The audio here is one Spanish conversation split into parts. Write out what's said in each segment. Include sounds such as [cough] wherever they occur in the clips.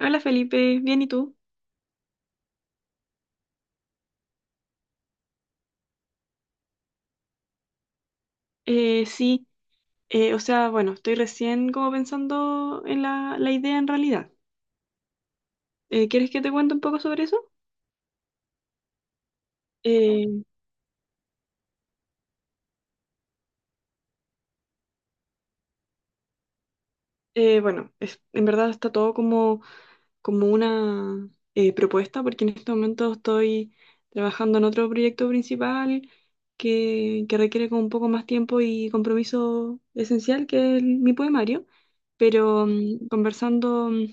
Hola Felipe, bien, ¿y tú? Sí. Bueno, estoy recién como pensando en la idea en realidad. ¿Quieres que te cuente un poco sobre eso? Eh, bueno, en verdad está todo como, como una propuesta, porque en este momento estoy trabajando en otro proyecto principal que requiere como un poco más tiempo y compromiso esencial, que es mi poemario, pero conversando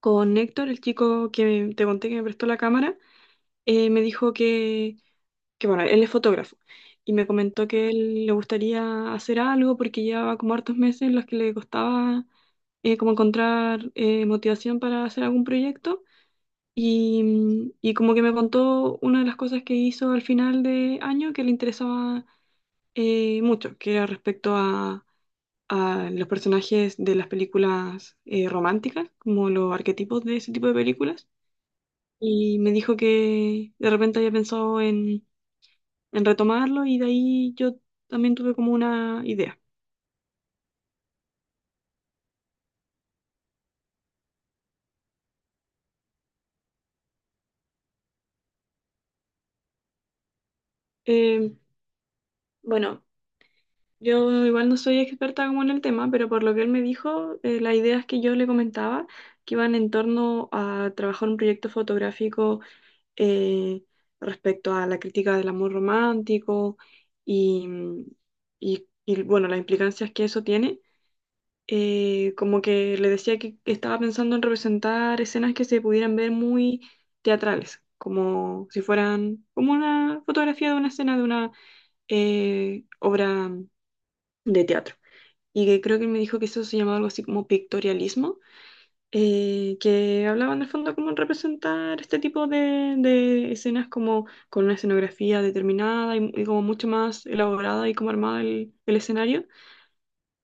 con Héctor, el chico que te conté que me prestó la cámara, me dijo que, bueno, él es fotógrafo y me comentó que él le gustaría hacer algo porque llevaba como hartos meses en los que le costaba como encontrar motivación para hacer algún proyecto. Y y como que me contó una de las cosas que hizo al final de año que le interesaba mucho, que era respecto a los personajes de las películas románticas, como los arquetipos de ese tipo de películas. Y me dijo que de repente había pensado en retomarlo, y de ahí yo también tuve como una idea. Eh, bueno, yo igual no soy experta como en el tema, pero por lo que él me dijo, las ideas que yo le comentaba que iban en torno a trabajar un proyecto fotográfico eh, respecto a la crítica del amor romántico y, y, bueno, las implicancias que eso tiene. Como que le decía que estaba pensando en representar escenas que se pudieran ver muy teatrales, como si fueran como una fotografía de una escena de una obra de teatro. Y que creo que me dijo que eso se llamaba algo así como pictorialismo, que hablaba en el fondo como en representar este tipo de escenas como con una escenografía determinada y como mucho más elaborada y como armada el escenario.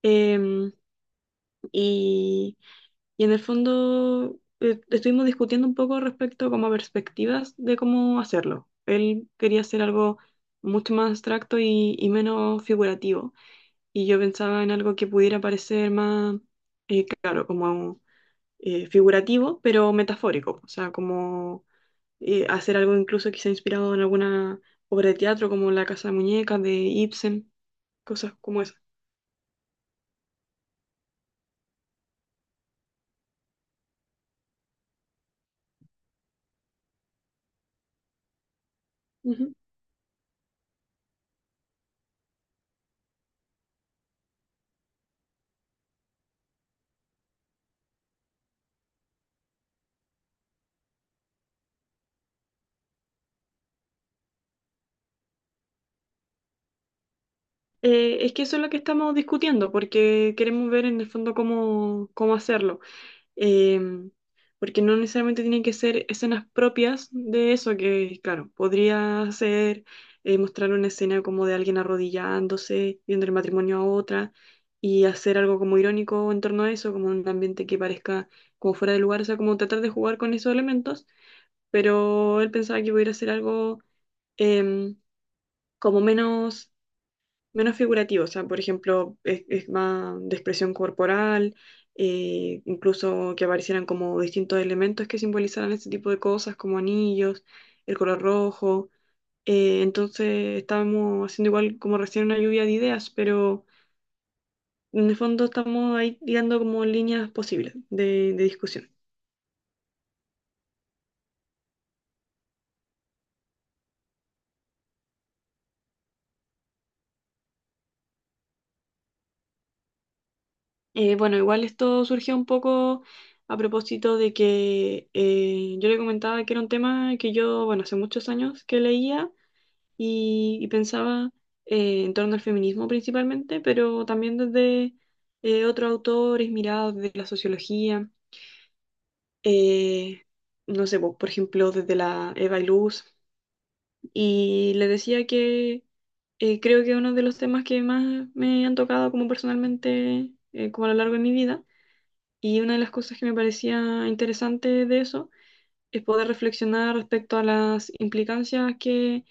Em, y Y en el fondo estuvimos discutiendo un poco respecto como a perspectivas de cómo hacerlo. Él quería hacer algo mucho más abstracto y menos figurativo. Y yo pensaba en algo que pudiera parecer más, claro, como figurativo, pero metafórico. O sea, como hacer algo incluso quizá inspirado en alguna obra de teatro como La Casa de Muñecas de Ibsen, cosas como esas. Ujú. Es que eso es lo que estamos discutiendo, porque queremos ver en el fondo cómo, cómo hacerlo. Eh, porque no necesariamente tienen que ser escenas propias de eso, que claro, podría ser mostrar una escena como de alguien arrodillándose, viendo el matrimonio a otra, y hacer algo como irónico en torno a eso, como un ambiente que parezca como fuera de lugar, o sea, como tratar de jugar con esos elementos, pero él pensaba que pudiera ser algo em, como menos figurativo, o sea, por ejemplo, es más de expresión corporal, incluso que aparecieran como distintos elementos que simbolizaran este tipo de cosas, como anillos, el color rojo. Entonces estábamos haciendo igual como recién una lluvia de ideas, pero en el fondo estamos ahí tirando como líneas posibles de discusión. Bueno, igual esto surgió un poco a propósito de que yo le comentaba que era un tema que yo, bueno, hace muchos años que leía y pensaba en torno al feminismo principalmente, pero también desde otros autores mirados desde la sociología, eh, no sé, por ejemplo, desde la Eva y Luz. Y le decía que creo que uno de los temas que más me han tocado como personalmente, como a lo largo de mi vida, y una de las cosas que me parecía interesante de eso, es poder reflexionar respecto a las implicancias que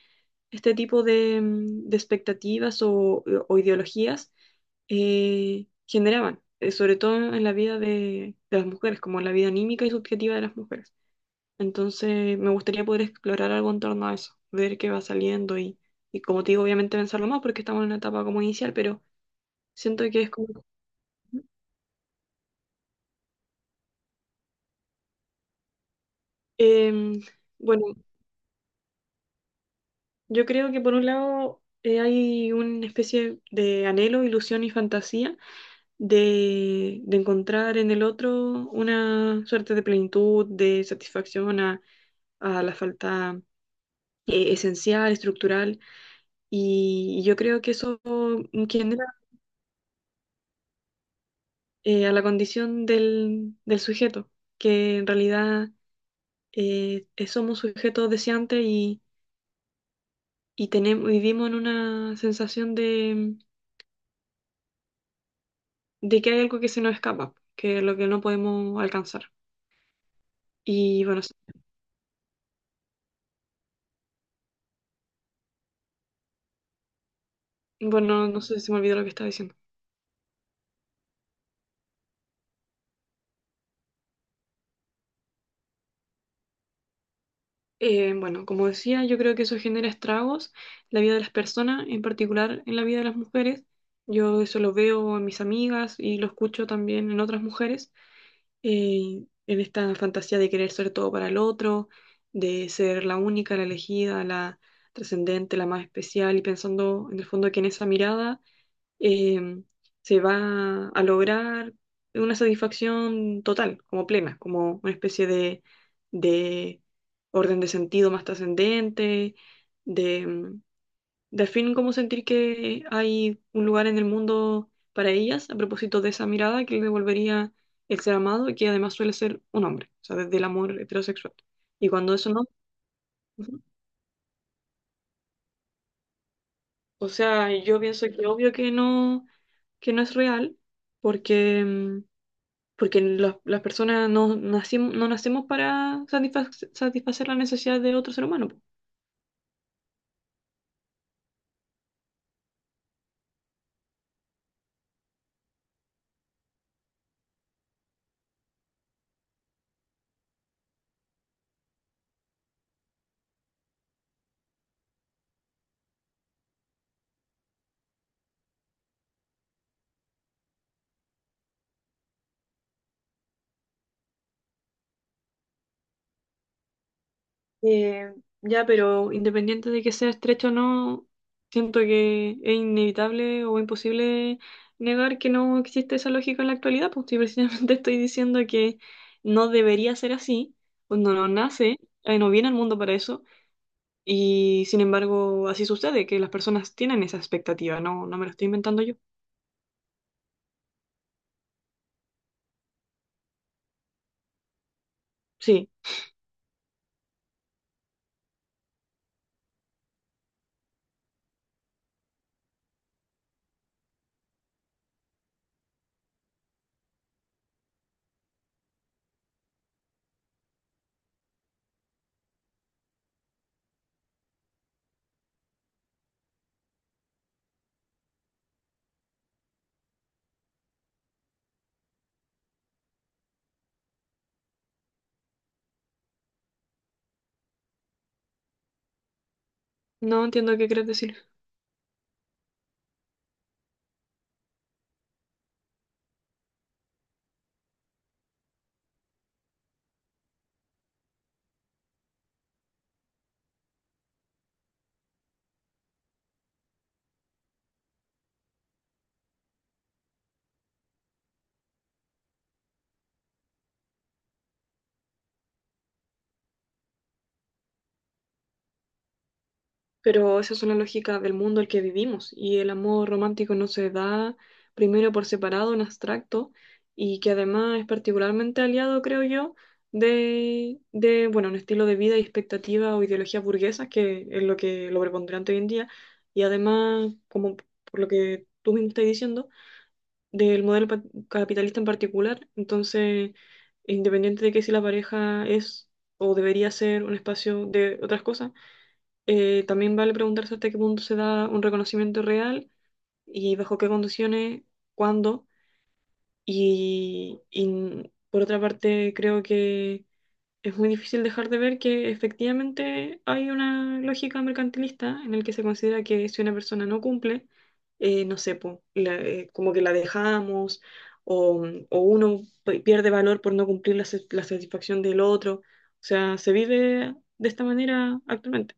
este tipo de, de expectativas o o ideologías generaban, sobre todo en la vida de las mujeres, como en la vida anímica y subjetiva de las mujeres. Entonces, me gustaría poder explorar algo en torno a eso, ver qué va saliendo y como te digo, obviamente pensarlo más porque estamos en una etapa como inicial, pero siento que es como... Em, bueno, yo creo que por un lado hay una especie de anhelo, ilusión y fantasía de encontrar en el otro una suerte de plenitud, de satisfacción a la falta esencial, estructural. Y yo creo que eso genera a la condición del, del sujeto, que en realidad somos sujetos deseantes y tenemos, vivimos en una sensación de que hay algo que se nos escapa, que es lo que no podemos alcanzar. Y bueno, sí. Bueno, no sé si me olvidó lo que estaba diciendo. Bueno, como decía, yo creo que eso genera estragos en la vida de las personas, en particular en la vida de las mujeres. Yo eso lo veo en mis amigas y lo escucho también en otras mujeres, en esta fantasía de querer ser todo para el otro, de ser la única, la elegida, la trascendente, la más especial, y pensando en el fondo que en esa mirada eh, se va a lograr una satisfacción total, como plena, como una especie de orden de sentido más trascendente, de, de al fin como sentir que hay un lugar en el mundo para ellas, a propósito de esa mirada que le devolvería el ser amado y que además suele ser un hombre, o sea, desde el amor heterosexual. Y cuando eso no... Ujú. O sea, yo pienso que obvio que no es real, porque porque las personas no, nacimos no nacemos para satisfacer la necesidad de otro ser humano. Po. Eh, ya, pero independiente de que sea estrecho o no, siento que es inevitable o imposible negar que no existe esa lógica en la actualidad, pues si precisamente [laughs] estoy diciendo que no debería ser así, cuando no nace, no viene al mundo para eso, y sin embargo así sucede, que las personas tienen esa expectativa, no, no me lo estoy inventando yo. Sí, no entiendo qué quieres decir. Pero esa es una lógica del mundo en el que vivimos, y el amor romántico no se da primero por separado, en abstracto, y que además es particularmente aliado, creo yo, de bueno, un estilo de vida y expectativa o ideologías burguesas, que es lo que lo preponderante hoy en día, y además, como por lo que tú mismo estás diciendo, del modelo capitalista en particular. Entonces, independiente de que si la pareja es o debería ser un espacio de otras cosas, también vale preguntarse hasta qué punto se da un reconocimiento real y bajo qué condiciones, cuándo. Y por otra parte, creo que es muy difícil dejar de ver que efectivamente hay una lógica mercantilista en el que se considera que si una persona no cumple, no sé, po, como que la dejamos o, o uno pierde valor por no cumplir la, la satisfacción del otro. O sea, se vive de esta manera actualmente.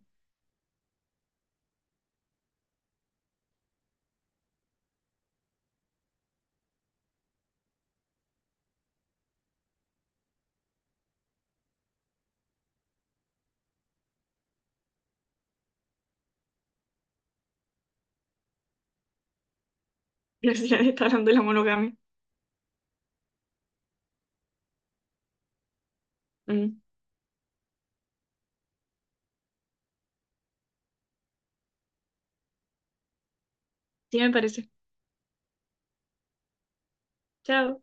[laughs] Gracias, hablando de la monogamia. Mm, sí, me parece. Chao.